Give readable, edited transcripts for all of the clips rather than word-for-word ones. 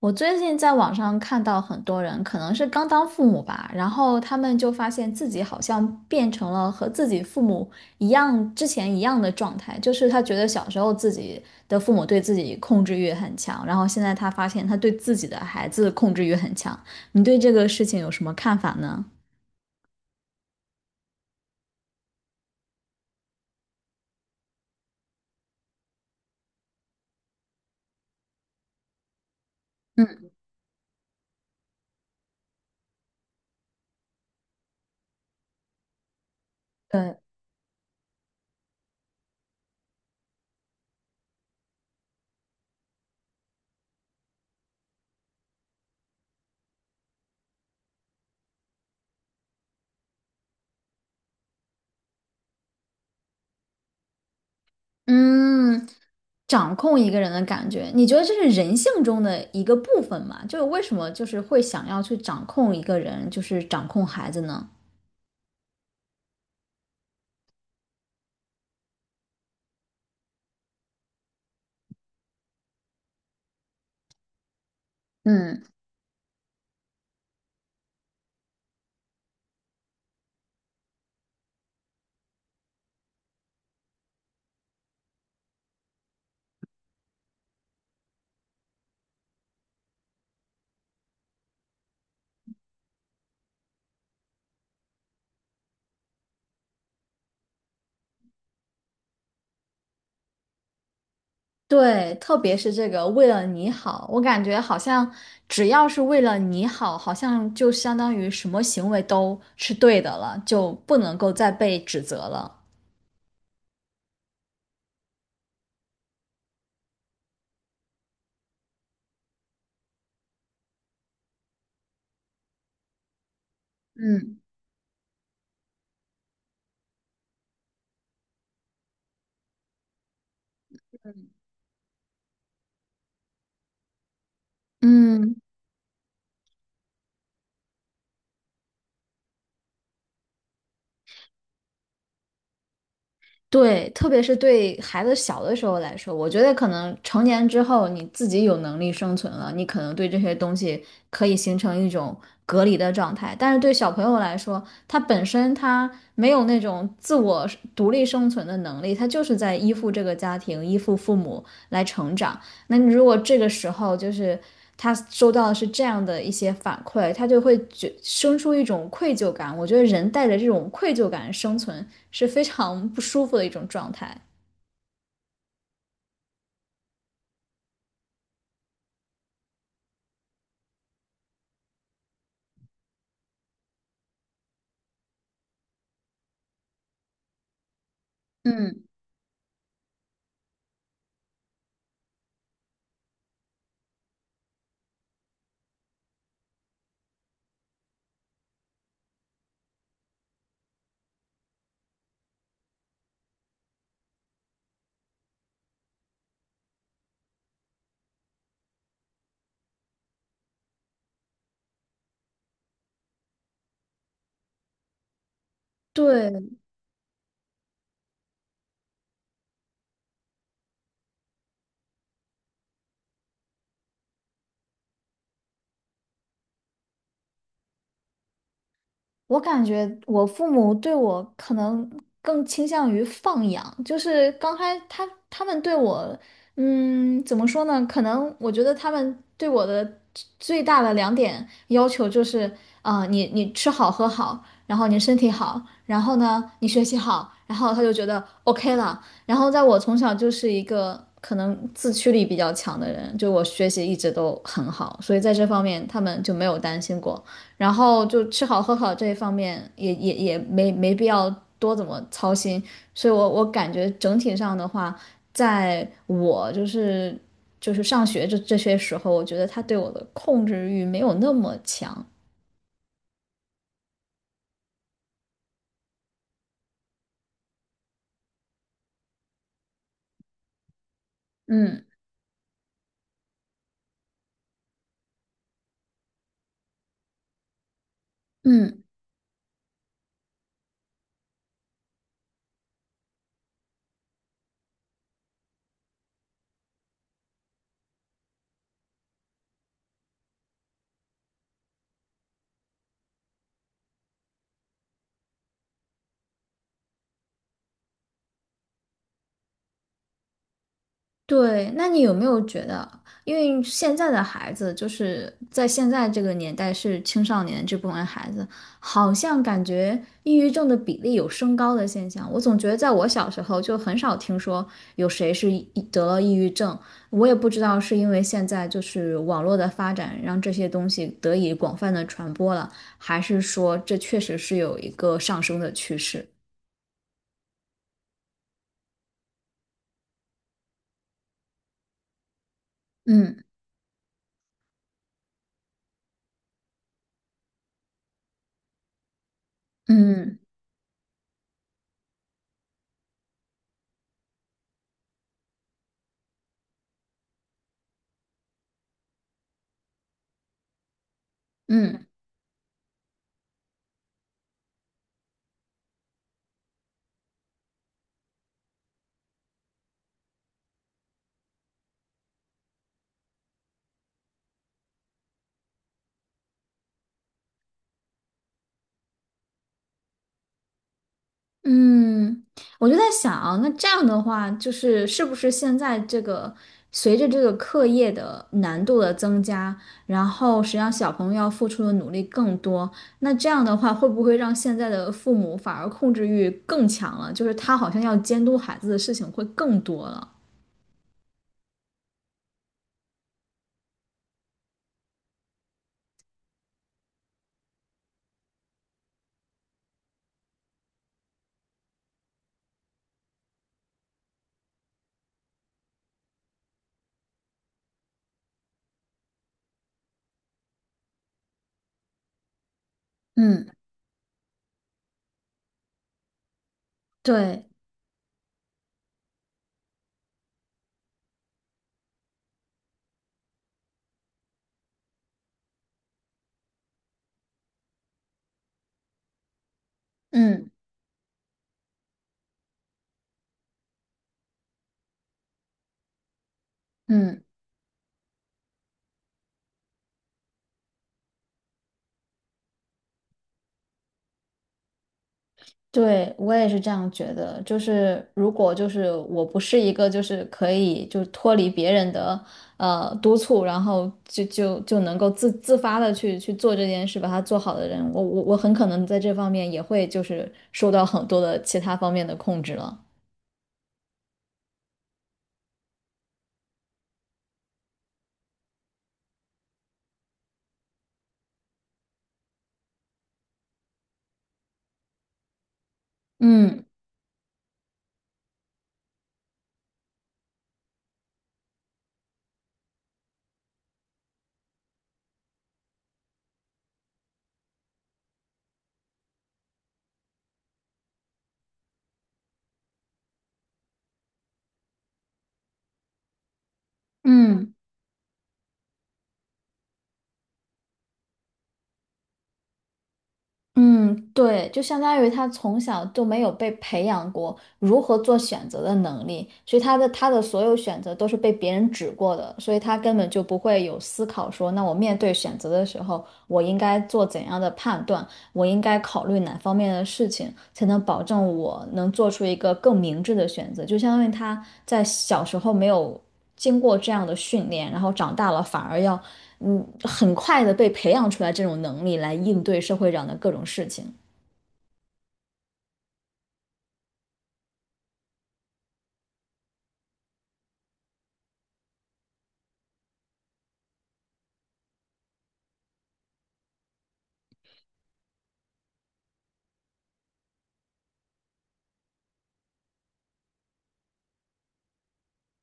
我最近在网上看到很多人，可能是刚当父母吧，然后他们就发现自己好像变成了和自己父母一样，之前一样的状态，就是他觉得小时候自己的父母对自己控制欲很强，然后现在他发现他对自己的孩子控制欲很强。你对这个事情有什么看法呢？嗯对，嗯，掌控一个人的感觉，你觉得这是人性中的一个部分吗？就是为什么就是会想要去掌控一个人，就是掌控孩子呢？嗯，对，特别是这个为了你好，我感觉好像只要是为了你好，好像就相当于什么行为都是对的了，就不能够再被指责了。嗯，嗯，对，特别是对孩子小的时候来说，我觉得可能成年之后你自己有能力生存了，你可能对这些东西可以形成一种隔离的状态。但是对小朋友来说，他本身他没有那种自我独立生存的能力，他就是在依附这个家庭、依附父母来成长。那你如果这个时候就是他收到的是这样的一些反馈，他就会觉生出一种愧疚感。我觉得人带着这种愧疚感生存是非常不舒服的一种状态。嗯，对，我感觉我父母对我可能更倾向于放养，就是他们对我，嗯，怎么说呢？可能我觉得他们对我的最大的两点要求就是，啊、你吃好喝好，然后你身体好，然后呢你学习好，然后他就觉得 OK 了。然后在我从小就是一个可能自驱力比较强的人，就我学习一直都很好，所以在这方面他们就没有担心过。然后就吃好喝好这一方面也没必要多怎么操心，所以我感觉整体上的话，在我就是上学这些时候，我觉得他对我的控制欲没有那么强，嗯嗯。对，那你有没有觉得，因为现在的孩子，就是在现在这个年代是青少年这部分孩子，好像感觉抑郁症的比例有升高的现象。我总觉得在我小时候就很少听说有谁是得了抑郁症，我也不知道是因为现在就是网络的发展让这些东西得以广泛的传播了，还是说这确实是有一个上升的趋势。嗯嗯嗯。嗯，我就在想，那这样的话，就是是不是现在这个随着这个课业的难度的增加，然后实际上小朋友要付出的努力更多，那这样的话，会不会让现在的父母反而控制欲更强了？就是他好像要监督孩子的事情会更多了。嗯，对，嗯嗯。对，我也是这样觉得，就是如果就是我不是一个就是可以就脱离别人的督促，然后就能够自发的去做这件事，把它做好的人，我很可能在这方面也会就是受到很多的其他方面的控制了。嗯嗯。嗯，对，就相当于他从小就没有被培养过如何做选择的能力，所以他的所有选择都是被别人指过的，所以他根本就不会有思考说，那我面对选择的时候，我应该做怎样的判断，我应该考虑哪方面的事情，才能保证我能做出一个更明智的选择。就相当于他在小时候没有经过这样的训练，然后长大了反而要，嗯，很快的被培养出来这种能力来应对社会上的各种事情。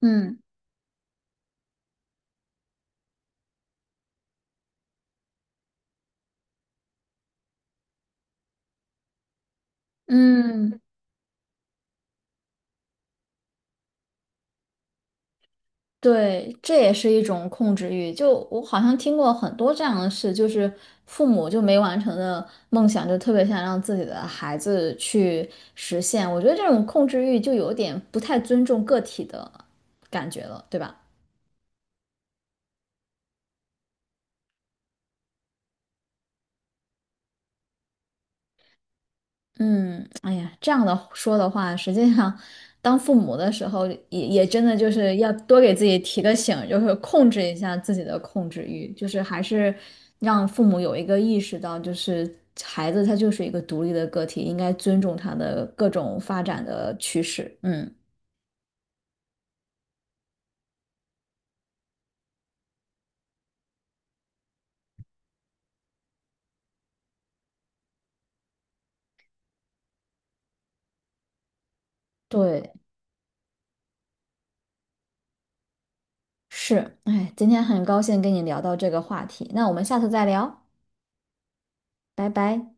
嗯嗯，对，这也是一种控制欲。就我好像听过很多这样的事，就是父母就没完成的梦想，就特别想让自己的孩子去实现。我觉得这种控制欲就有点不太尊重个体的感觉了，对吧？嗯，哎呀，这样的说的话，实际上，当父母的时候也，也真的就是要多给自己提个醒，就是控制一下自己的控制欲，就是还是让父母有一个意识到，就是孩子他就是一个独立的个体，应该尊重他的各种发展的趋势。嗯，对，是，哎，今天很高兴跟你聊到这个话题，那我们下次再聊，拜拜。